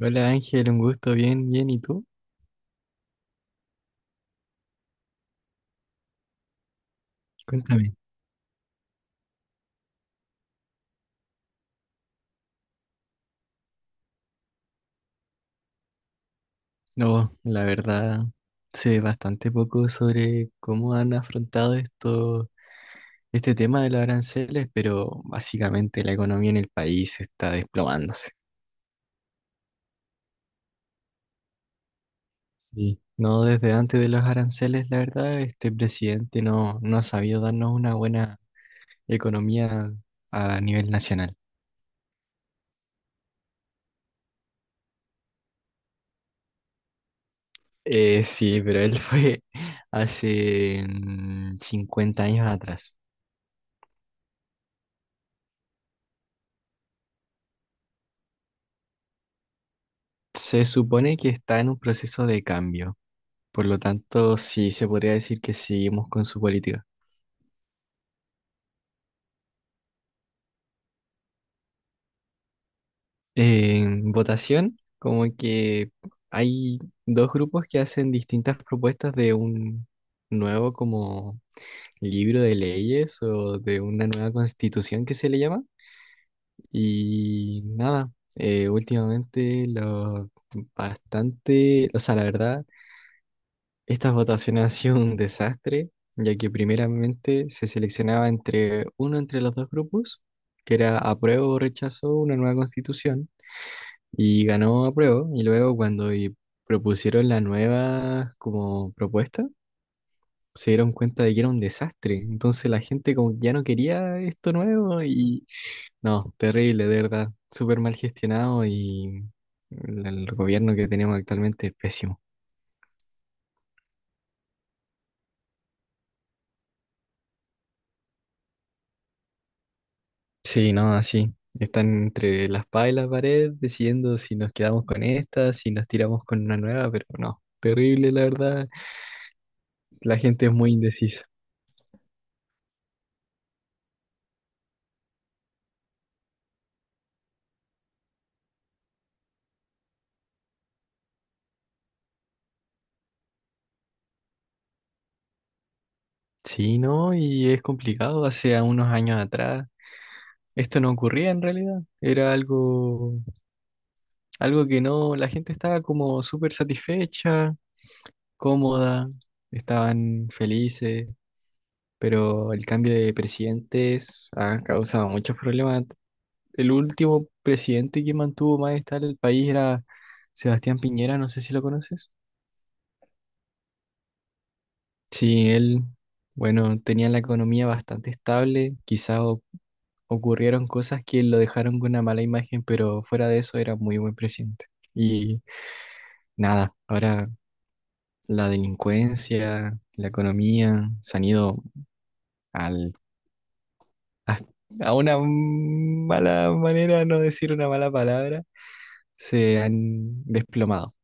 Hola Ángel, un gusto, bien, bien, ¿y tú? Cuéntame. No, la verdad, sé bastante poco sobre cómo han afrontado esto, este tema de los aranceles, pero básicamente la economía en el país está desplomándose. Y no desde antes de los aranceles, la verdad, este presidente no ha sabido darnos una buena economía a nivel nacional. Sí, pero él fue hace 50 años atrás. Se supone que está en un proceso de cambio, por lo tanto, sí se podría decir que seguimos con su política. En votación, como que hay dos grupos que hacen distintas propuestas de un nuevo como libro de leyes o de una nueva constitución que se le llama. Y nada, últimamente lo bastante, o sea, la verdad. Estas votaciones han sido un desastre, ya que primeramente se seleccionaba entre uno entre los dos grupos, que era apruebo o rechazo una nueva constitución, y ganó apruebo, y luego propusieron la nueva como propuesta, se dieron cuenta de que era un desastre, entonces la gente como que ya no quería esto nuevo y no, terrible, de verdad, súper mal gestionado y el gobierno que tenemos actualmente es pésimo. Sí, no, así. Están entre la espada y la pared decidiendo si nos quedamos con esta, si nos tiramos con una nueva, pero no. Terrible, la verdad. La gente es muy indecisa. Sí, no, y es complicado. Hace a unos años atrás esto no ocurría en realidad. Era algo, algo que no, la gente estaba como súper satisfecha, cómoda, estaban felices, pero el cambio de presidentes ha causado muchos problemas. El último presidente que mantuvo más estable el país era Sebastián Piñera, no sé si lo conoces. Sí, él, bueno, tenía la economía bastante estable, ocurrieron cosas que lo dejaron con una mala imagen, pero fuera de eso era muy buen presidente. Y nada, ahora la delincuencia, la economía se han ido al, a, a una mala manera, no decir una mala palabra, se han desplomado.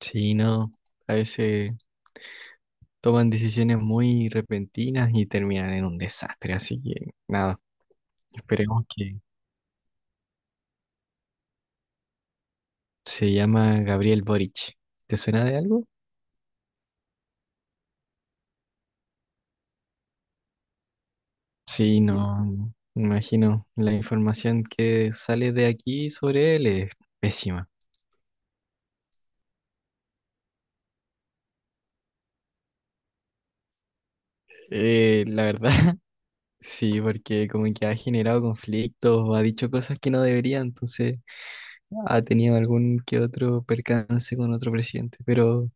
Sí, no, a veces toman decisiones muy repentinas y terminan en un desastre. Así que nada, esperemos que se llama Gabriel Boric. ¿Te suena de algo? Sí, no, me imagino. La información que sale de aquí sobre él es pésima. La verdad, sí, porque como que ha generado conflictos o ha dicho cosas que no debería, entonces ha tenido algún que otro percance con otro presidente, pero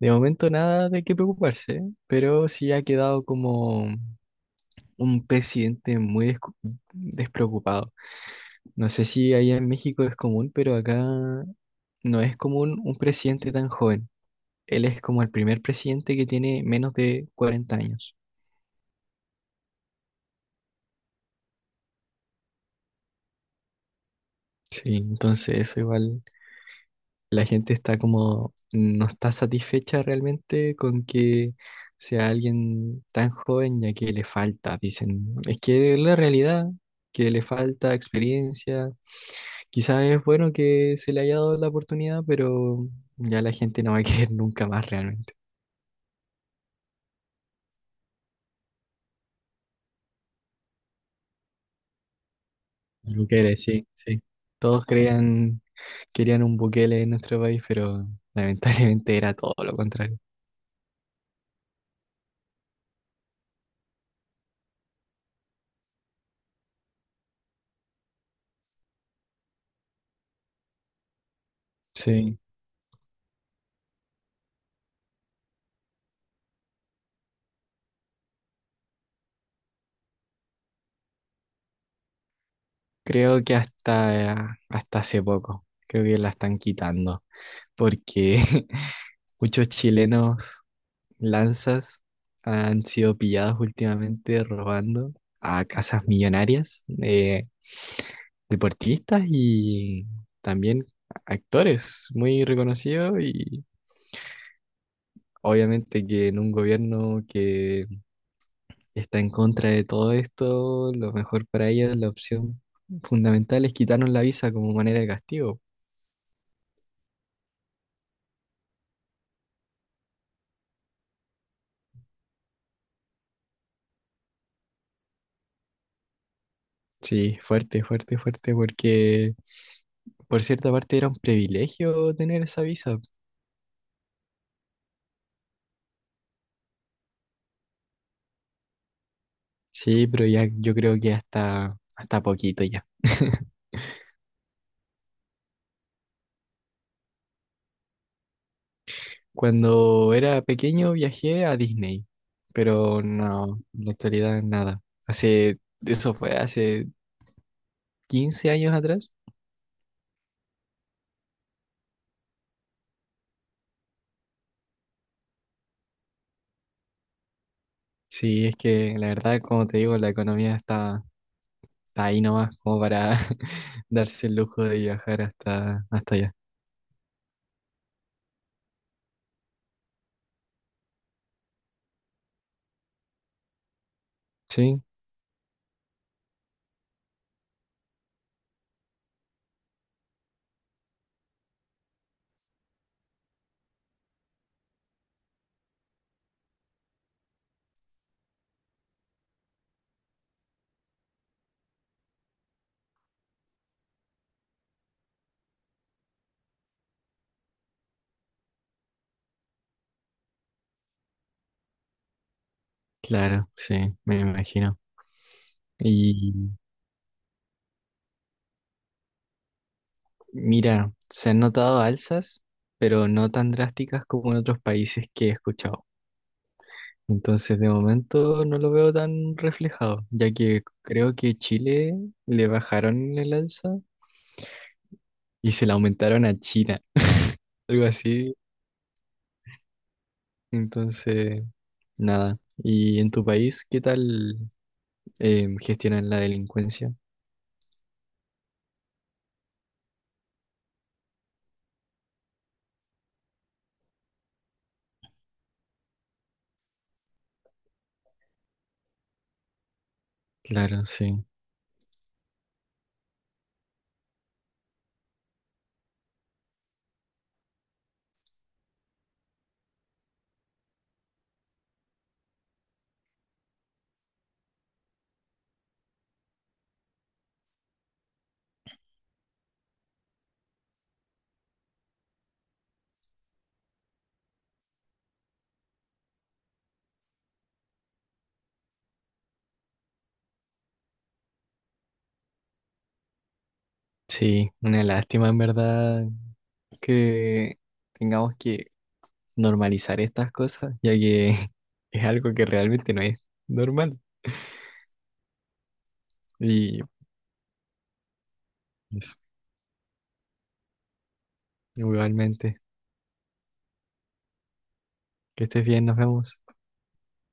de momento nada de qué preocuparse, ¿eh? Pero sí ha quedado como un presidente despreocupado. No sé si allá en México es común, pero acá no es común un presidente tan joven. Él es como el primer presidente que tiene menos de 40 años. Sí, entonces eso igual la gente está como, no está satisfecha realmente con que sea alguien tan joven ya que le falta, dicen, es que es la realidad, que le falta experiencia. Quizás es bueno que se le haya dado la oportunidad, pero ya la gente no va a querer nunca más realmente. El Bukele, sí, sí. Todos creían, querían un Bukele en nuestro país, pero lamentablemente era todo lo contrario. Sí, creo que hasta, hasta hace poco, creo que la están quitando, porque muchos chilenos lanzas han sido pillados últimamente robando a casas millonarias. Deportistas y también actores muy reconocidos y obviamente que en un gobierno que está en contra de todo esto, lo mejor para ellos, la opción fundamental es quitarnos la visa como manera de castigo. Sí, fuerte, fuerte, fuerte, porque por cierta parte era un privilegio tener esa visa. Sí, pero ya yo creo que hasta, hasta poquito ya. Cuando era pequeño viajé a Disney, pero no, en la actualidad nada. Hace, eso fue hace 15 años atrás. Sí, es que la verdad, como te digo, la economía está, está ahí nomás como para darse el lujo de viajar hasta, hasta allá. Sí, claro, sí, me imagino. Y mira, se han notado alzas, pero no tan drásticas como en otros países que he escuchado. Entonces, de momento no lo veo tan reflejado, ya que creo que Chile le bajaron el alza y se la aumentaron a China, algo así. Entonces, nada. ¿Y en tu país qué tal gestionan la delincuencia? Claro, sí. Sí, una lástima en verdad que tengamos que normalizar estas cosas, ya que es algo que realmente no es normal. Y eso, igualmente, que estés bien, nos vemos.